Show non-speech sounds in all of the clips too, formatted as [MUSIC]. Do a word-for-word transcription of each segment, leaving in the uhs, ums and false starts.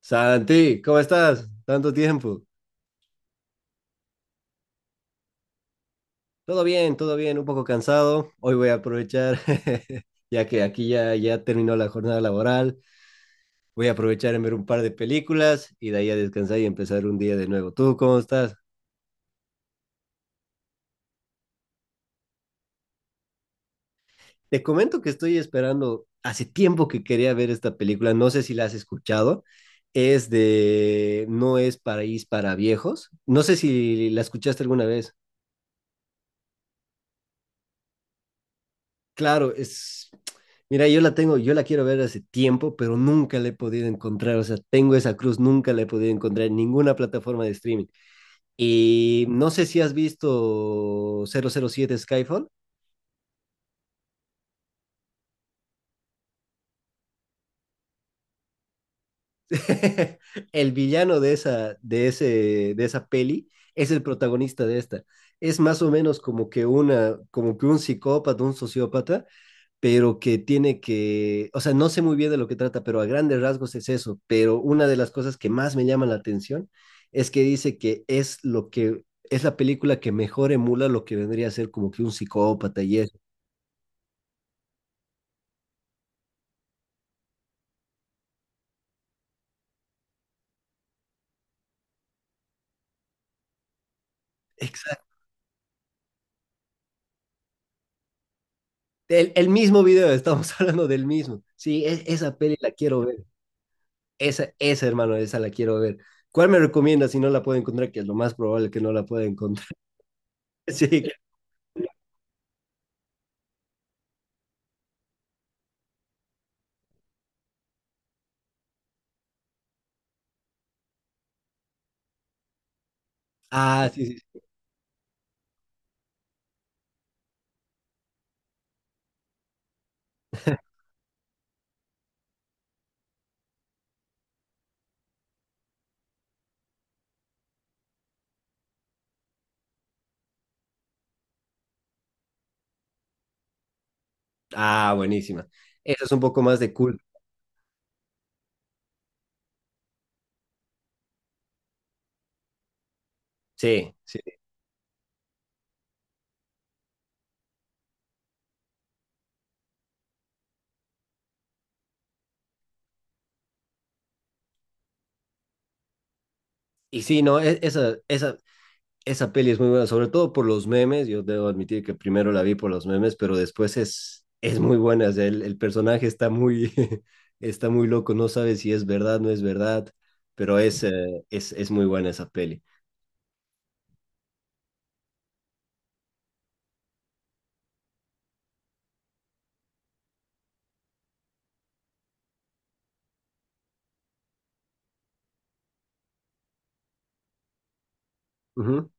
Santi, ¿cómo estás? Tanto tiempo. Todo bien, todo bien, un poco cansado. Hoy voy a aprovechar, [LAUGHS] ya que aquí ya, ya terminó la jornada laboral, voy a aprovechar en ver un par de películas y de ahí a descansar y empezar un día de nuevo. ¿Tú cómo estás? Te comento que estoy esperando, hace tiempo que quería ver esta película, no sé si la has escuchado. Es de No es Paraíso para Viejos. No sé si la escuchaste alguna vez. Claro, es. Mira, yo la tengo, yo la quiero ver hace tiempo, pero nunca la he podido encontrar. O sea, tengo esa cruz, nunca la he podido encontrar en ninguna plataforma de streaming. Y no sé si has visto cero cero siete Skyfall. [LAUGHS] El villano de esa, de ese, de esa peli es el protagonista de esta. Es más o menos como que una, como que un psicópata, un sociópata, pero que tiene que, o sea, no sé muy bien de lo que trata, pero a grandes rasgos es eso, pero una de las cosas que más me llama la atención es que dice que es lo que es la película que mejor emula lo que vendría a ser como que un psicópata y eso. Exacto. El, el mismo video, estamos [LAUGHS] hablando del mismo. Sí, es- esa peli la quiero ver. Esa, esa, hermano, esa la quiero ver. ¿Cuál me recomienda si no la puedo encontrar? Que es lo más probable que no la pueda encontrar. [LAUGHS] Sí. Ah, sí, sí, sí. Ah, buenísima. Esa es un poco más de cool. Sí, sí. Y sí, no, e- esa, esa, esa peli es muy buena, sobre todo por los memes. Yo debo admitir que primero la vi por los memes, pero después es, es muy buena. O sea, el, el personaje está muy, [LAUGHS] está muy loco, no sabe si es verdad, no es verdad, pero es, eh, es, es muy buena esa peli. Ujú.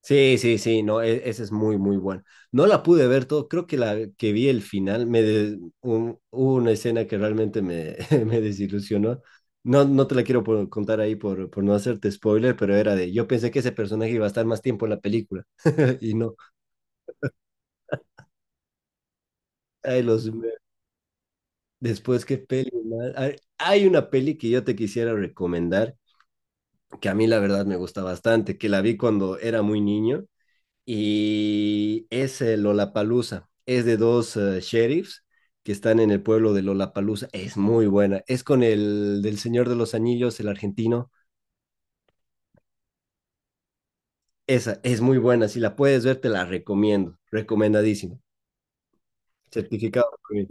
Sí, sí, sí, no, e- esa es muy, muy buena. No la pude ver todo, creo que la que vi el final, me de- un- hubo una escena que realmente me, [LAUGHS] me desilusionó. No, no te la quiero por- contar ahí por, por no hacerte spoiler, pero era de, yo pensé que ese personaje iba a estar más tiempo en la película [LAUGHS] y no. Ay, los, después, qué peli, man. Hay hay una peli que yo te quisiera recomendar, que a mí la verdad me gusta bastante, que la vi cuando era muy niño y es el Lollapalooza. Es de dos eh, sheriffs que están en el pueblo de Lollapalooza. Es muy buena. Es con el del Señor de los Anillos, el argentino. Esa es muy buena. Si la puedes ver, te la recomiendo. Recomendadísimo. Certificado por mí.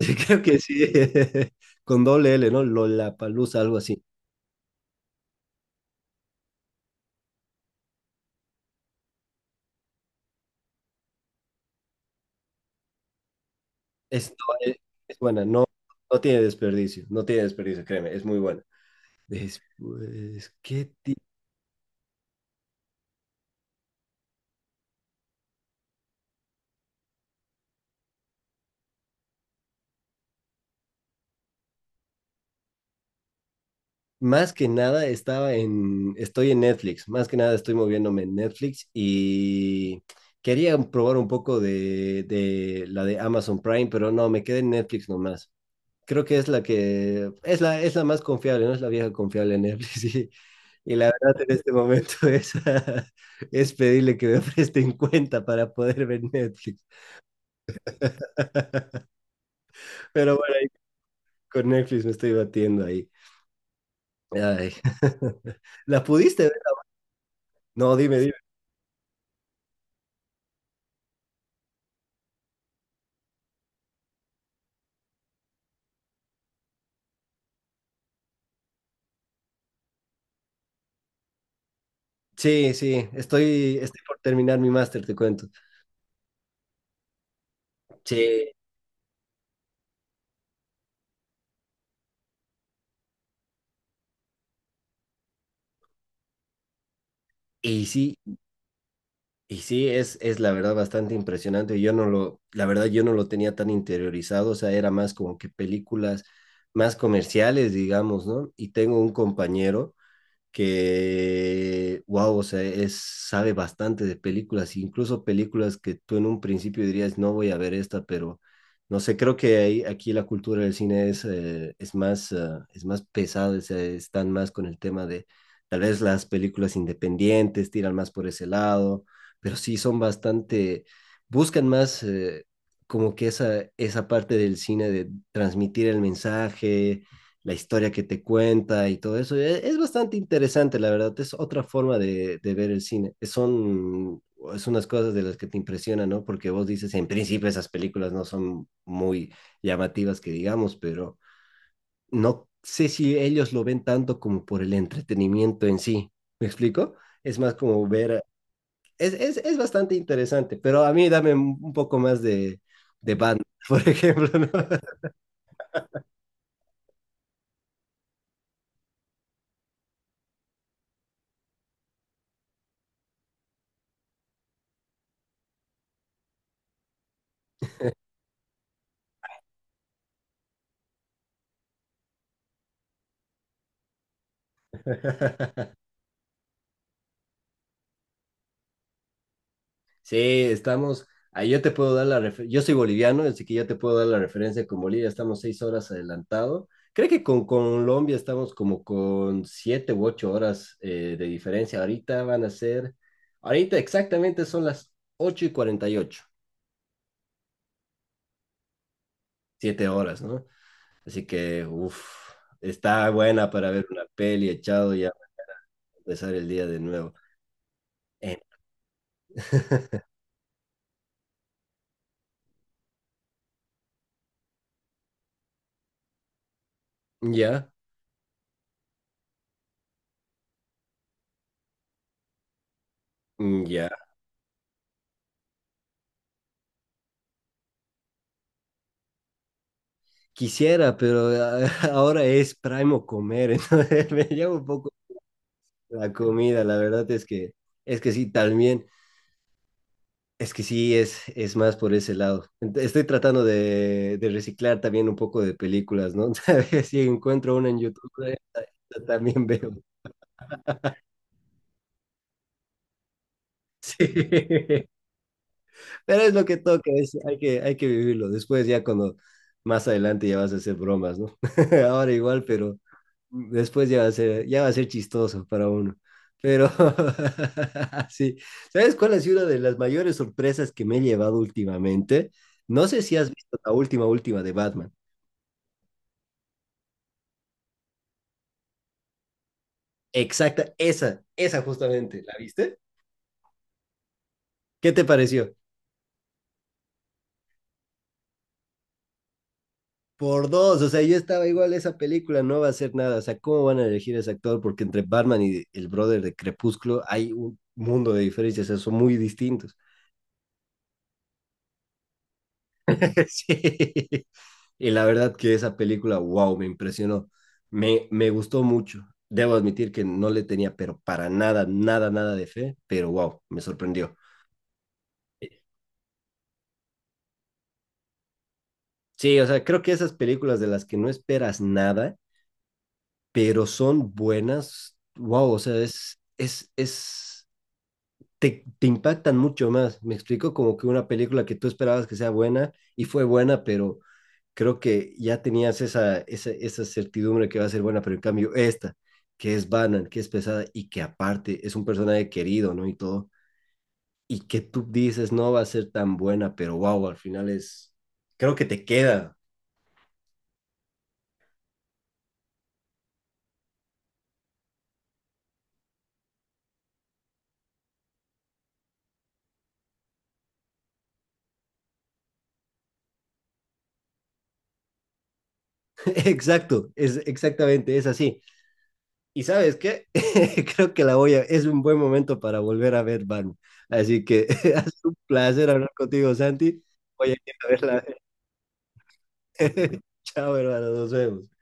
[LAUGHS] Creo que sí. [LAUGHS] Con doble L, ¿no? Lollapalooza, algo así. Esto es, es buena. No, no tiene desperdicio. No tiene desperdicio, créeme. Es muy buena. Después, ¿qué... Más que nada estaba en, estoy en Netflix, más que nada estoy moviéndome en Netflix y quería probar un poco de, de la de Amazon Prime, pero no, me quedé en Netflix nomás. Creo que es la que, es la, es la más confiable, ¿no? Es la vieja confiable en Netflix [LAUGHS] y, y la verdad en este momento es, [LAUGHS] es pedirle que me presten cuenta para poder ver Netflix. [LAUGHS] Pero bueno, con Netflix me estoy batiendo ahí. Ay. [LAUGHS] ¿La pudiste ver? No, dime, dime. Sí, sí, estoy, estoy por terminar mi máster, te cuento. Sí, y sí, y sí, es, es la verdad bastante impresionante. Yo no lo, la verdad, yo no lo tenía tan interiorizado, o sea, era más como que películas más comerciales, digamos, ¿no? Y tengo un compañero que, wow, o sea, es, sabe bastante de películas, incluso películas que tú en un principio dirías, no voy a ver esta, pero no sé, creo que ahí, aquí la cultura del cine es, eh, es más, eh, es más pesada, o sea, están más con el tema de, tal vez las películas independientes tiran más por ese lado, pero sí son bastante, buscan más... eh, como que esa, esa parte del cine de transmitir el mensaje, la historia que te cuenta y todo eso. Es, es bastante interesante, la verdad. Es otra forma de, de ver el cine. Es- Son es unas cosas de las que te impresionan, ¿no? Porque vos dices, en principio esas películas no son muy llamativas que digamos, pero no sé si ellos lo ven tanto como por el entretenimiento en sí. ¿Me explico? Es más como ver... Es, es, es bastante interesante, pero a mí dame un un poco más de, de Batman, [LAUGHS] por ejemplo, ¿no? [LAUGHS] Sí, estamos. Ahí yo te puedo dar la referencia. Yo soy boliviano, así que ya te puedo dar la referencia con Bolivia. Estamos seis horas adelantado. Creo que con Colombia estamos como con siete u ocho horas eh, de diferencia. Ahorita van a ser. Ahorita exactamente son las ocho y cuarenta y ocho. Siete horas, ¿no? Así que, uff, está buena para ver una peli echado ya empezar el día de nuevo. Eh, [LAUGHS] Ya, mm, ya. Quisiera, pero a- [LAUGHS] ahora es primo comer, [LAUGHS] entonces me llevo un poco la comida, la verdad es que, es que sí, también, es que sí, es, es más por ese lado. Ent- Estoy tratando de, de reciclar también un poco de películas, ¿no? [LAUGHS] Si encuentro una en YouTube, [LAUGHS] eh, ta- ta- también veo. [LAUGHS] Sí. Pero es lo que toca, es- hay que, hay que vivirlo. Después ya cuando más adelante ya vas a hacer bromas, ¿no? [LAUGHS] Ahora igual, pero después ya va a ser, ya va a ser chistoso para uno. Pero [LAUGHS] sí, ¿sabes cuál ha sido una de las mayores sorpresas que me he llevado últimamente? No sé si has visto la última, última de Batman. Exacta, esa, esa justamente, ¿la viste? ¿Qué te pareció? Por dos, o sea, yo estaba igual, esa película no va a hacer nada, o sea, ¿cómo van a elegir a ese actor? Porque entre Batman y el brother de Crepúsculo hay un mundo de diferencias, o sea, son muy distintos. [LAUGHS] Sí. Y la verdad que esa película, wow, me impresionó, me, me gustó mucho. Debo admitir que no le tenía, pero para nada, nada, nada de fe, pero wow, me sorprendió. Sí, o sea, creo que esas películas de las que no esperas nada, pero son buenas, wow, o sea, es, es, es te, te impactan mucho más. Me explico como que una película que tú esperabas que sea buena y fue buena, pero creo que ya tenías esa, esa, esa certidumbre que va a ser buena, pero en cambio esta, que es banal, que es pesada y que aparte es un personaje querido, ¿no? Y todo, y que tú dices no va a ser tan buena, pero wow, al final es, creo que te queda. [LAUGHS] Exacto, es exactamente, es así. Y sabes qué, [LAUGHS] creo que la voy a, es un buen momento para volver a ver Batman. Así que [LAUGHS] ha sido un placer hablar contigo, Santi. Voy a ir a verla. [LAUGHS] Chao, hermano, nos vemos.